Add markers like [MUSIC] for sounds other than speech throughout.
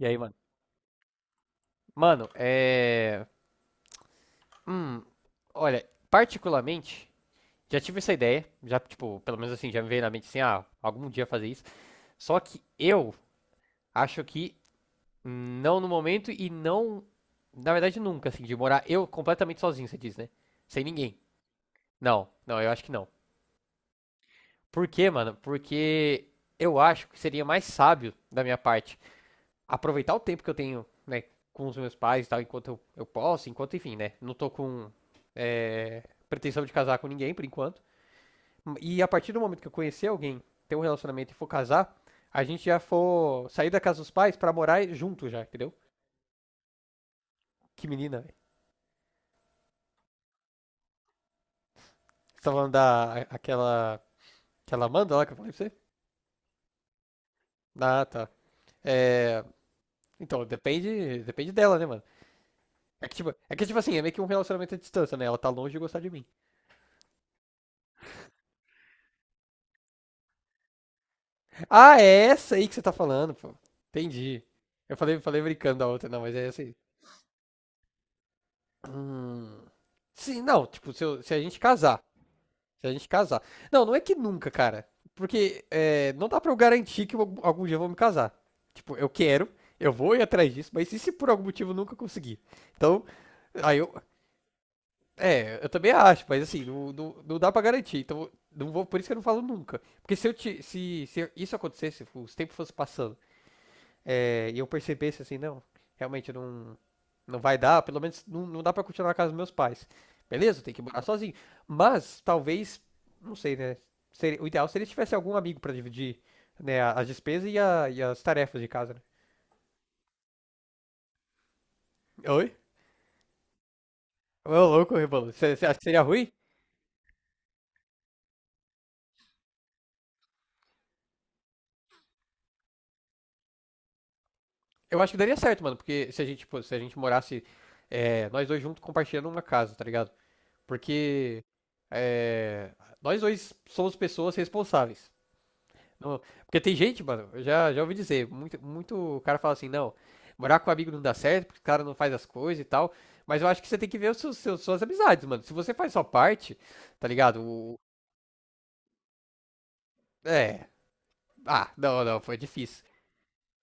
E aí, mano? Mano, é. Hum, olha, particularmente, já tive essa ideia, já, tipo, pelo menos assim, já me veio na mente assim, ah, algum dia fazer isso. Só que eu acho que não no momento e não. Na verdade, nunca, assim, de morar eu completamente sozinho, você diz, né? Sem ninguém. Não, não, eu acho que não. Por quê, mano? Porque eu acho que seria mais sábio da minha parte aproveitar o tempo que eu tenho, né, com os meus pais e tal, enquanto eu posso, enquanto, enfim, né, não tô com é, pretensão de casar com ninguém por enquanto. E a partir do momento que eu conhecer alguém, ter um relacionamento e for casar, a gente já for sair da casa dos pais pra morar junto já, entendeu? Que menina, velho. Você tá falando da, aquela, aquela Amanda lá que eu falei pra você? Ah, tá. É, então, depende dela, né, mano? É que, tipo assim, é meio que um relacionamento à distância, né? Ela tá longe de gostar de mim. Ah, é essa aí que você tá falando, pô. Entendi. Eu falei brincando da outra, não, mas é essa aí. Hum. Sim, não, tipo, se a gente casar. Se a gente casar. Não, não é que nunca, cara. Porque não dá pra eu garantir que eu algum dia eu vou me casar. Tipo, eu quero, eu vou ir atrás disso, mas e se por algum motivo eu nunca conseguir? Então, aí eu. É, eu também acho, mas assim, não, não, não dá pra garantir. Então, não vou, por isso que eu não falo nunca. Porque se eu te, se isso acontecesse, os tempos fossem passando. E eu percebesse assim, não, realmente não vai dar, pelo menos não, não dá pra continuar na casa dos meus pais. Beleza, tem que morar sozinho. Mas talvez, não sei, né? O ideal seria se tivesse algum amigo pra dividir, né, as despesas e, e as tarefas de casa, né? Oi? Ô, louco, Rebolo. Você acha que seria ruim? Eu acho que daria certo, mano, porque se a gente morasse nós dois juntos compartilhando uma casa, tá ligado? Porque é, nós dois somos pessoas responsáveis. Não, porque tem gente, mano, eu já ouvi dizer, muito, muito cara fala assim, não, morar com amigo não dá certo, porque o cara não faz as coisas e tal. Mas eu acho que você tem que ver os suas amizades, mano. Se você faz só parte, tá ligado? É. Ah, não, não, foi difícil.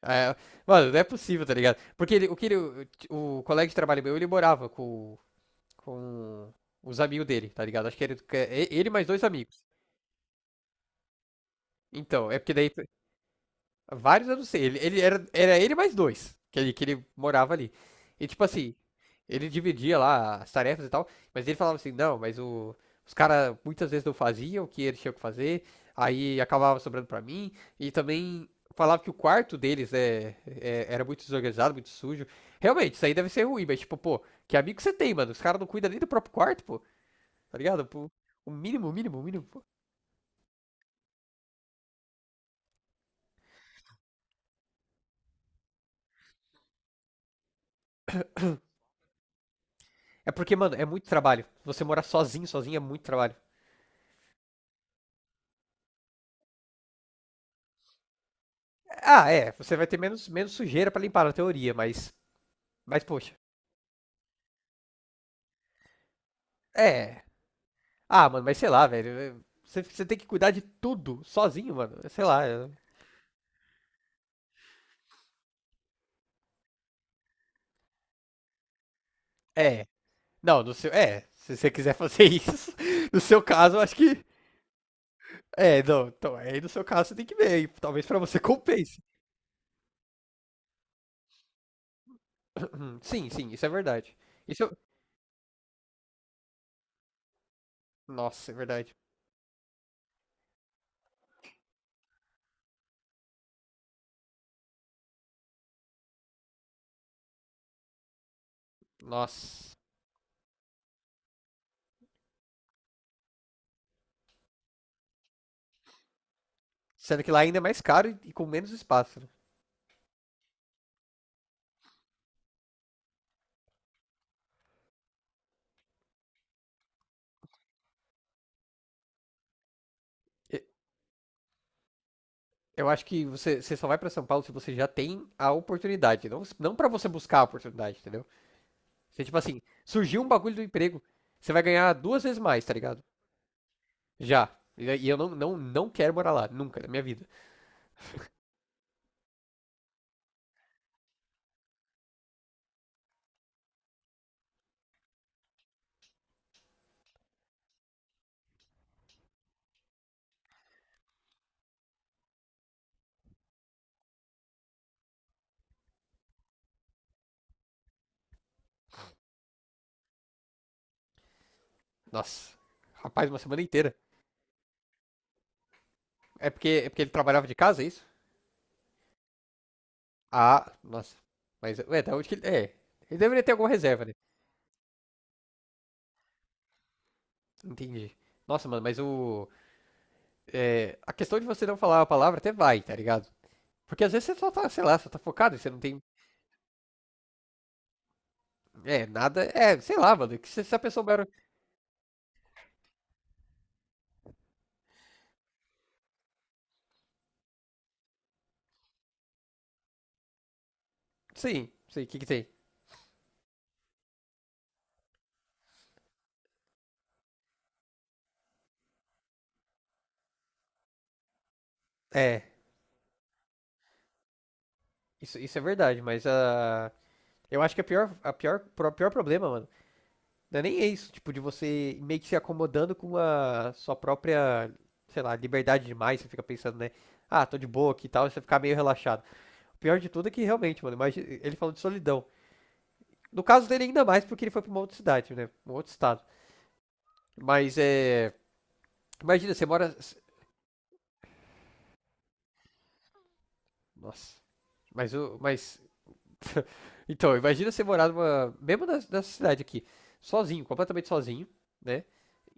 É, mano, não é possível, tá ligado? Porque o colega de trabalho meu, ele morava com os amigos dele, tá ligado? Acho que é ele mais dois amigos. Então, é porque daí vários eu não sei. Ele era ele mais dois, que ele morava ali. E tipo assim, ele dividia lá as tarefas e tal, mas ele falava assim, não, mas os caras muitas vezes não faziam o que eles tinham que fazer, aí acabava sobrando pra mim, e também falava que o quarto deles era muito desorganizado, muito sujo. Realmente, isso aí deve ser ruim, mas tipo, pô, que amigo você tem, mano? Os caras não cuidam nem do próprio quarto, pô, tá ligado? Pô, o mínimo, o mínimo, o mínimo, pô. É porque, mano, é muito trabalho. Você morar sozinho, sozinho é muito trabalho. Ah, é, você vai ter menos sujeira pra limpar na teoria, mas. Mas, poxa. É. Ah, mano, mas sei lá, velho. Você tem que cuidar de tudo sozinho, mano. Sei lá. É. É, não, no seu. É, se você quiser fazer isso, [LAUGHS] no seu caso, eu acho que. É, não. Então, aí no seu caso você tem que ver. Aí, talvez pra você [LAUGHS] compense. [CLEARS THROAT] Sim, sim, isso é verdade. Isso. Nossa, é verdade. Nossa. Sendo que lá ainda é mais caro e com menos espaço, né? Eu acho que você só vai pra São Paulo se você já tem a oportunidade. Não, não para você buscar a oportunidade, entendeu? Você, tipo assim, surgiu um bagulho do emprego, você vai ganhar duas vezes mais, tá ligado? Já. E eu não quero morar lá, nunca, na minha vida. Nossa. Rapaz, uma semana inteira. É porque ele trabalhava de casa, é isso? Ah, nossa. Mas, ué, da onde que ele. É. Ele deveria ter alguma reserva, né? Entendi. Nossa, mano, mas o. A questão de você não falar a palavra até vai, tá ligado? Porque às vezes você só tá, sei lá, só tá focado e você não tem É, nada. É, sei lá, mano. Que se a pessoa souber. Sim, sei, o que que tem? É, isso é verdade, mas a. Eu acho que pior problema, mano, não é nem é isso, tipo, de você meio que se acomodando com a sua própria, sei lá, liberdade demais, você fica pensando, né? Ah, tô de boa aqui e tal, e você ficar meio relaxado. O pior de tudo é que realmente, mano, imagina, ele falou de solidão. No caso dele ainda mais, porque ele foi pra uma outra cidade, né? Um outro estado. Mas é. Imagina, você mora. Nossa. Mas o. Mas [LAUGHS] Então, imagina você morar numa. Mesmo nessa cidade aqui, sozinho, completamente sozinho, né?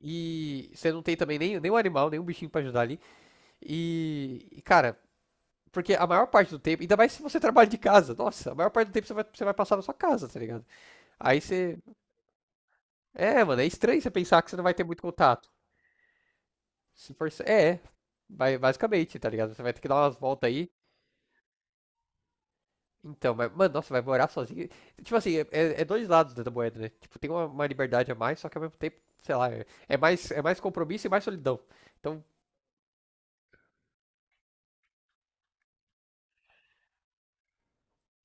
E você não tem também nem, nenhum animal, nenhum bichinho pra ajudar ali. E, cara, porque a maior parte do tempo, ainda mais se você trabalha de casa, nossa, a maior parte do tempo você vai passar na sua casa, tá ligado? Aí você. É, mano, é estranho você pensar que você não vai ter muito contato. Se for. É, vai, basicamente, tá ligado? Você vai ter que dar umas voltas aí. Então, mas, mano, nossa, vai morar sozinho. Tipo assim, é dois lados da moeda, né? Tipo, tem uma liberdade a mais, só que ao mesmo tempo, sei lá, é mais compromisso e mais solidão. Então,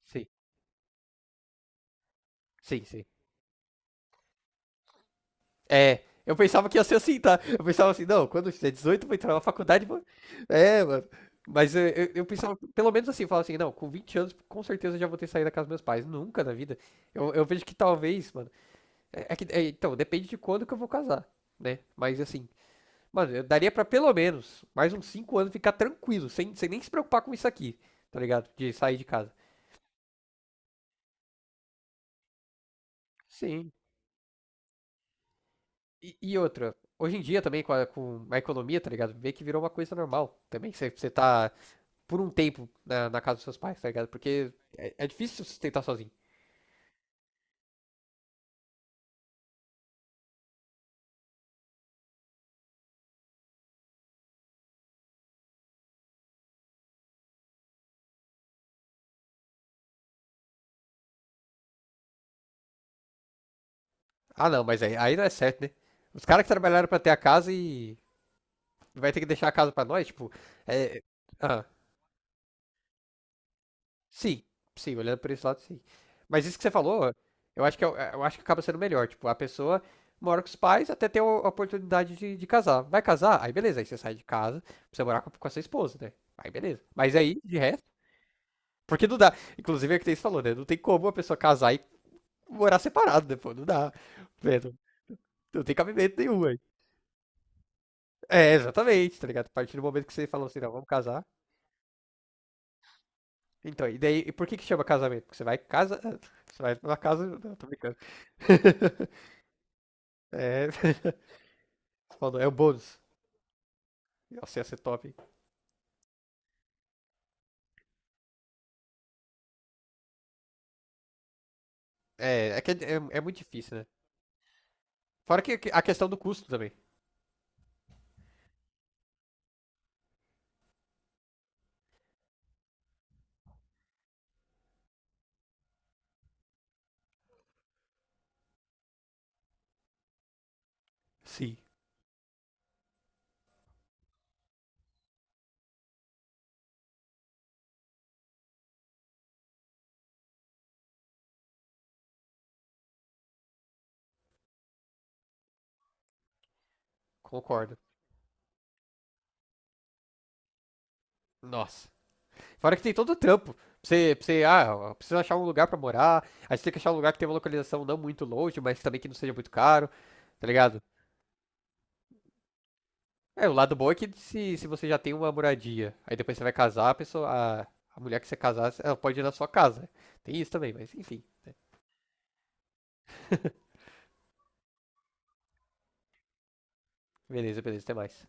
sim, sim, sim. É, eu pensava que ia ser assim, tá? Eu pensava assim, não, quando eu fizer 18, vou entrar na faculdade, mano. É, mano. Mas eu pensava, pelo menos assim, eu falava assim, não, com 20 anos, com certeza eu já vou ter saído da casa dos meus pais. Nunca na vida. Eu vejo que talvez, mano. Então, depende de quando que eu vou casar, né? Mas assim, mano, eu daria pra pelo menos mais uns 5 anos ficar tranquilo, sem nem se preocupar com isso aqui, tá ligado? De sair de casa. Sim. E outra, hoje em dia também com a economia, tá ligado? Vê que virou uma coisa normal também. Você tá por um tempo na casa dos seus pais, tá ligado? Porque é difícil se sustentar sozinho. Ah, não, mas aí não é certo, né? Os caras que trabalharam pra ter a casa e vai ter que deixar a casa pra nós, tipo, é. Ah. Sim, sim, olhando por esse lado, sim. Mas isso que você falou, eu acho que, é o- é, eu, acho que acaba sendo melhor. Tipo, a pessoa mora com os pais até ter a oportunidade de casar. Vai casar? Aí beleza, aí você sai de casa pra você morar com a sua esposa, né? Aí beleza. Mas aí, de resto, porque não dá. Inclusive é o que você falou, né? Não tem como a pessoa casar e morar separado, né? Pô, não dá. Né? Não, não tem cabimento nenhum aí. É, exatamente, tá ligado? A partir do momento que você falou assim, não, vamos casar. Então, e daí, e por que que chama casamento? Porque você vai casa, você vai pra casa, não, tô brincando. [LAUGHS] É, [LAUGHS] falou, é o bônus. Nossa, ia ser top, hein? É que é muito difícil, né? Fora que a questão do custo também. Sim, concordo. Nossa. Fora que tem todo o trampo. Pra você, precisa achar um lugar pra morar. Aí você tem que achar um lugar que tenha uma localização não muito longe, mas também que não seja muito caro. Tá ligado? É, o lado bom é que se você já tem uma moradia, aí depois você vai casar, a, a mulher que você casar, ela pode ir na sua casa. Tem isso também, mas enfim, né? Beleza, beleza, até mais.